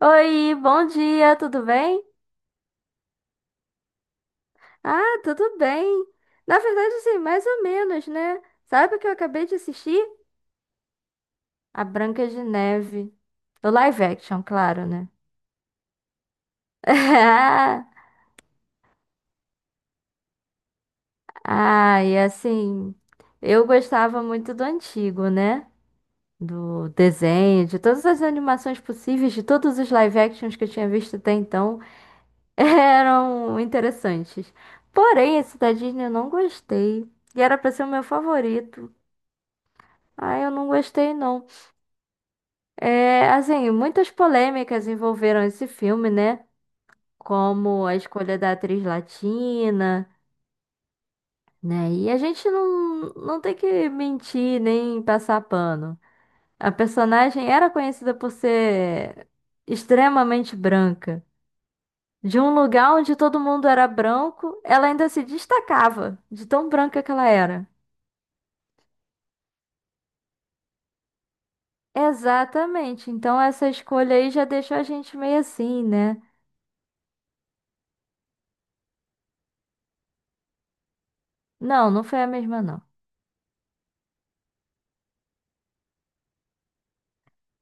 Oi, bom dia, tudo bem? Ah, tudo bem. Na verdade, assim, mais ou menos, né? Sabe o que eu acabei de assistir? A Branca de Neve. O live action, claro, né? Ah, e assim, eu gostava muito do antigo, né? Do desenho, de todas as animações possíveis, de todos os live actions que eu tinha visto até então, eram interessantes. Porém, esse da Disney eu não gostei. E era pra ser o meu favorito. Ah, eu não gostei, não. É, assim, muitas polêmicas envolveram esse filme, né? Como a escolha da atriz latina, né? E a gente não, não tem que mentir nem passar pano. A personagem era conhecida por ser extremamente branca. De um lugar onde todo mundo era branco, ela ainda se destacava de tão branca que ela era. Exatamente. Então essa escolha aí já deixou a gente meio assim, né? Não, não foi a mesma, não.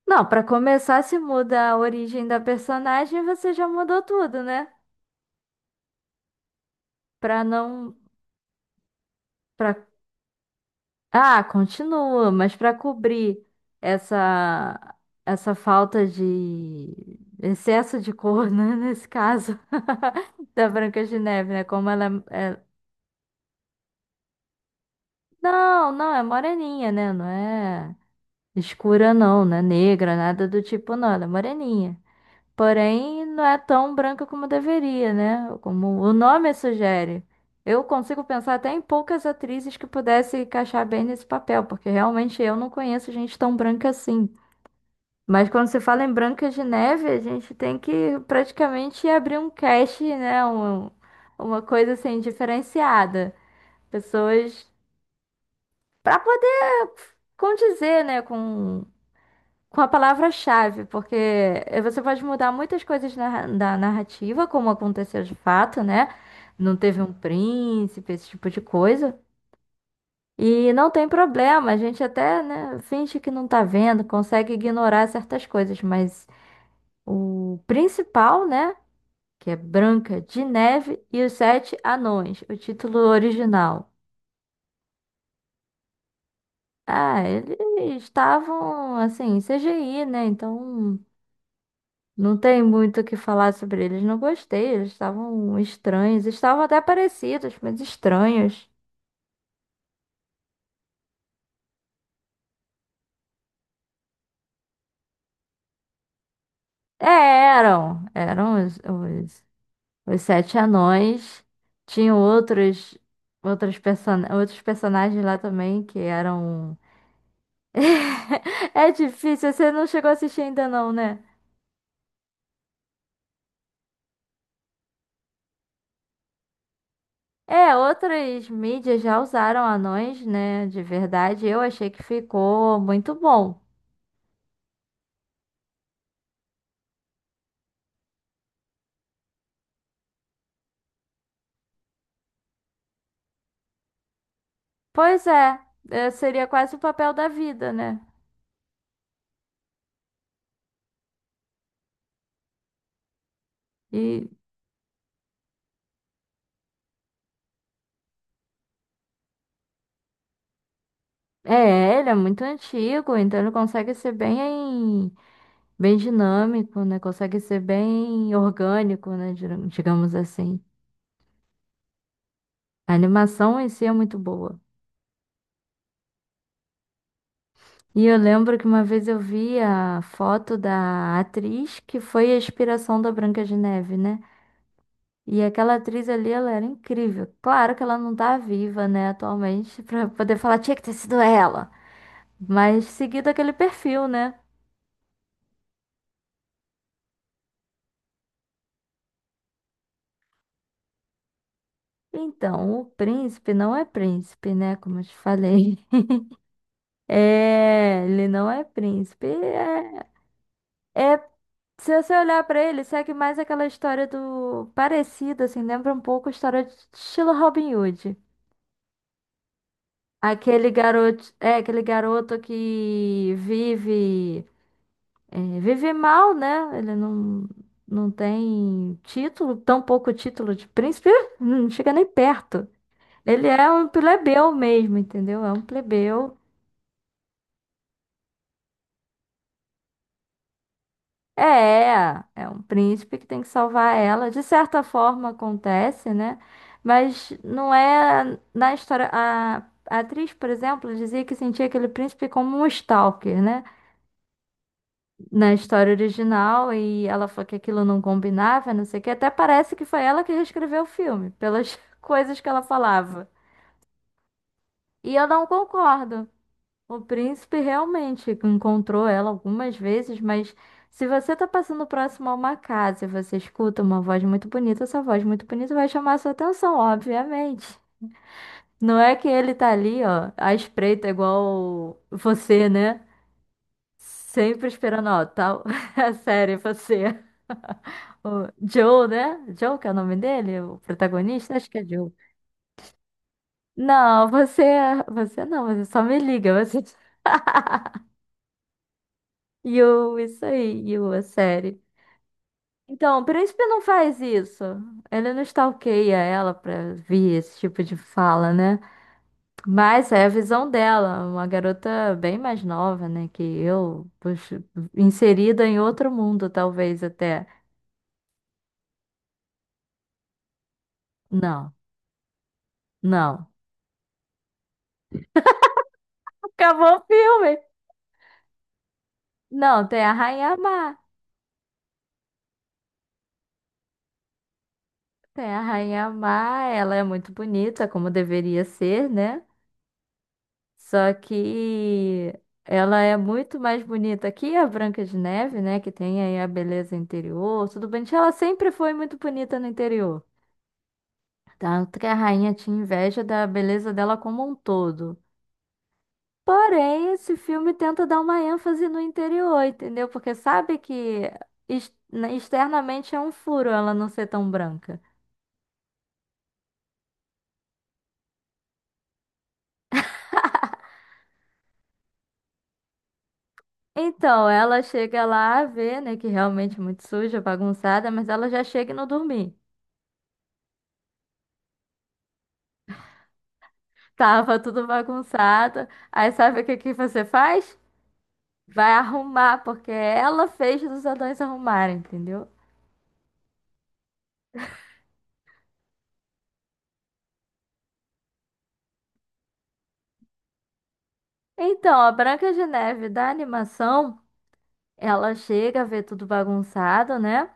Não, pra começar, se muda a origem da personagem, você já mudou tudo, né? Pra não, para ah, continua, mas pra cobrir essa essa falta de excesso de cor, né, nesse caso da Branca de Neve, né? Como ela é... é, Não, não, é moreninha, né? Não é escura não, não é negra, nada do tipo não, ela é moreninha. Porém, não é tão branca como deveria, né? Como o nome sugere. Eu consigo pensar até em poucas atrizes que pudessem encaixar bem nesse papel, porque realmente eu não conheço gente tão branca assim. Mas quando se fala em Branca de Neve, a gente tem que praticamente abrir um cast, né? Uma coisa assim diferenciada. Pessoas para poder condizer, né, com a palavra-chave, porque você pode mudar muitas coisas da narrativa, como aconteceu de fato, né? Não teve um príncipe, esse tipo de coisa. E não tem problema, a gente até, né, finge que não tá vendo, consegue ignorar certas coisas, mas o principal, né, que é Branca de Neve e os Sete Anões, o título original. Ah, eles estavam assim, CGI, né? Então não tem muito o que falar sobre eles. Não gostei. Eles estavam estranhos. Estavam até parecidos, mas estranhos. É, eram. Eram os sete anões. Tinham outros, outros, person outros personagens lá também que eram. É difícil. Você não chegou a assistir ainda, não, né? É, outras mídias já usaram anões, né? De verdade. Eu achei que ficou muito bom. Pois é. É, seria quase o papel da vida, né? E é, ele é muito antigo, então ele consegue ser bem, bem dinâmico, né? Consegue ser bem orgânico, né? Digamos assim. A animação em si é muito boa. E eu lembro que uma vez eu vi a foto da atriz que foi a inspiração da Branca de Neve, né? E aquela atriz ali, ela era incrível. Claro que ela não tá viva, né, atualmente, pra poder falar, tinha que ter sido ela. Mas seguido aquele perfil, né? Então, o príncipe não é príncipe, né? Como eu te falei. É, ele não é príncipe. É- Se você olhar pra ele, segue mais aquela história do parecida, assim, lembra um pouco a história de estilo Robin Hood. Aquele garoto, é aquele garoto que vive, é, vive mal, né? Ele não, não tem título, tão pouco título de príncipe, não chega nem perto. Ele é um plebeu mesmo, entendeu? É um plebeu. É, é um príncipe que tem que salvar ela. De certa forma acontece, né? Mas não é na história. A atriz, por exemplo, dizia que sentia aquele príncipe como um stalker, né? Na história original, e ela falou que aquilo não combinava, não sei o quê. Até parece que foi ela que reescreveu o filme, pelas coisas que ela falava. E eu não concordo. O príncipe realmente encontrou ela algumas vezes, mas se você está passando próximo a uma casa e você escuta uma voz muito bonita, essa voz muito bonita vai chamar a sua atenção, obviamente. Não é que ele tá ali, ó, à espreita, igual você, né? Sempre esperando, ó, tal. É sério, você. O Joe, né? Joe, que é o nome dele, o protagonista? Acho que é Joe. Não, você, é, você não, você só me liga, você. Yu, isso aí, Yu, a série. Então, o príncipe não faz isso. Ele não stalkeia ela pra vir esse tipo de fala, né? Mas é a visão dela, uma garota bem mais nova, né? Que eu, puxa, inserida em outro mundo, talvez até. Não, não. Acabou o filme. Não, tem a Rainha Má. Tem a Rainha Má, ela é muito bonita, como deveria ser, né? Só que ela é muito mais bonita que a Branca de Neve, né? Que tem aí a beleza interior. Tudo bem que ela sempre foi muito bonita no interior. Tanto que a rainha tinha inveja da beleza dela como um todo. Porém, esse filme tenta dar uma ênfase no interior, entendeu? Porque sabe que ex- externamente é um furo ela não ser tão branca. Então, ela chega lá a ver, né, que realmente é muito suja, bagunçada, mas ela já chega e não dormir. Tava tudo bagunçado. Aí sabe o que que você faz? Vai arrumar, porque ela fez os anões arrumarem, entendeu? Então, a Branca de Neve da animação, ela chega a ver tudo bagunçado, né?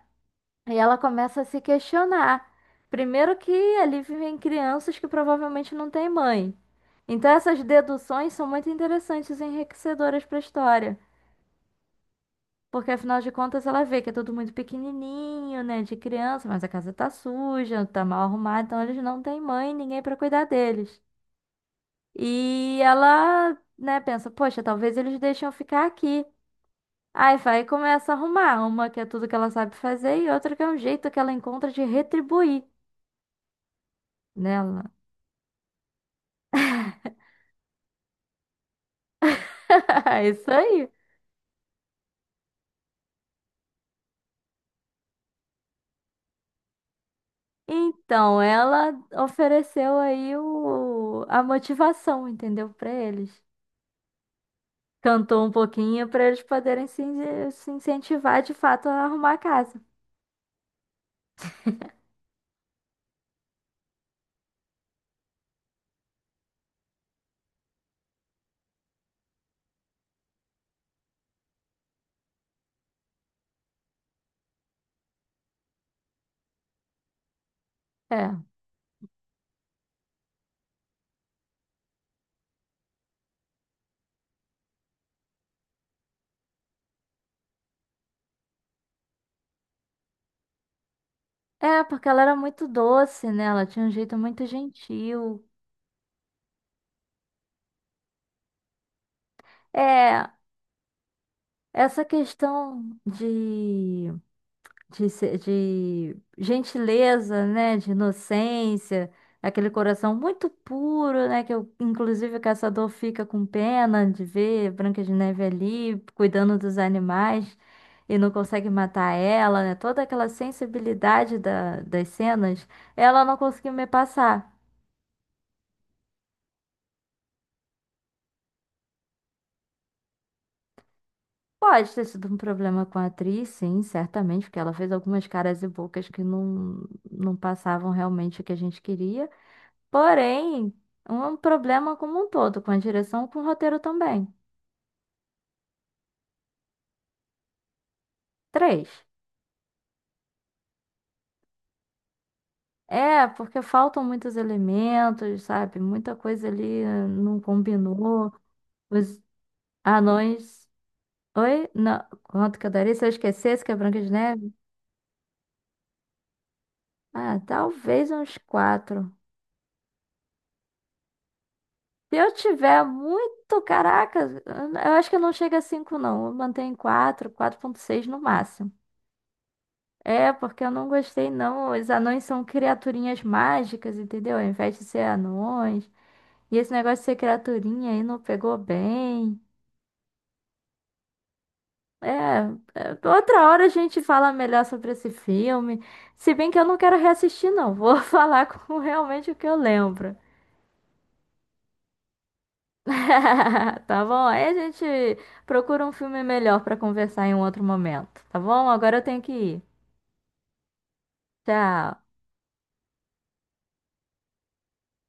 E ela começa a se questionar. Primeiro que ali vivem crianças que provavelmente não têm mãe. Então, essas deduções são muito interessantes e enriquecedoras para a história. Porque afinal de contas ela vê que é tudo muito pequenininho, né, de criança, mas a casa tá suja, tá mal arrumada, então eles não têm mãe, ninguém pra cuidar deles. E ela, né, pensa, poxa, talvez eles deixem eu ficar aqui. Aí vai e começa a arrumar, uma que é tudo que ela sabe fazer e outra que é um jeito que ela encontra de retribuir nela. É isso aí. Então, ela ofereceu aí a motivação, entendeu, pra eles. Cantou um pouquinho para eles poderem se incentivar de fato a arrumar a casa. É. É, porque ela era muito doce, né? Ela tinha um jeito muito gentil. É, essa questão de, se- de gentileza, né, de inocência, aquele coração muito puro, né, inclusive o caçador fica com pena de ver Branca de Neve ali cuidando dos animais e não consegue matar ela, né, toda aquela sensibilidade das cenas, ela não conseguiu me passar. Pode ter sido um problema com a atriz, sim, certamente, porque ela fez algumas caras e bocas que não, não passavam realmente o que a gente queria. Porém, um problema como um todo, com a direção, com o roteiro também. Três. É, porque faltam muitos elementos, sabe? Muita coisa ali não combinou. Os anões. Oi? Não. Quanto que eu daria se eu esquecesse que é Branca de Neve? Ah, talvez uns quatro. Se eu tiver muito, caraca, eu acho que não chega a cinco, não. Eu mantenho em quatro, 4,6 no máximo. É, porque eu não gostei, não. Os anões são criaturinhas mágicas, entendeu? Ao invés de ser anões. E esse negócio de ser criaturinha aí não pegou bem. É, é, outra hora a gente fala melhor sobre esse filme. Se bem que eu não quero reassistir, não. Vou falar com realmente o que eu lembro. Tá bom? Aí a gente procura um filme melhor pra conversar em um outro momento, tá bom? Agora eu tenho que ir. Tchau.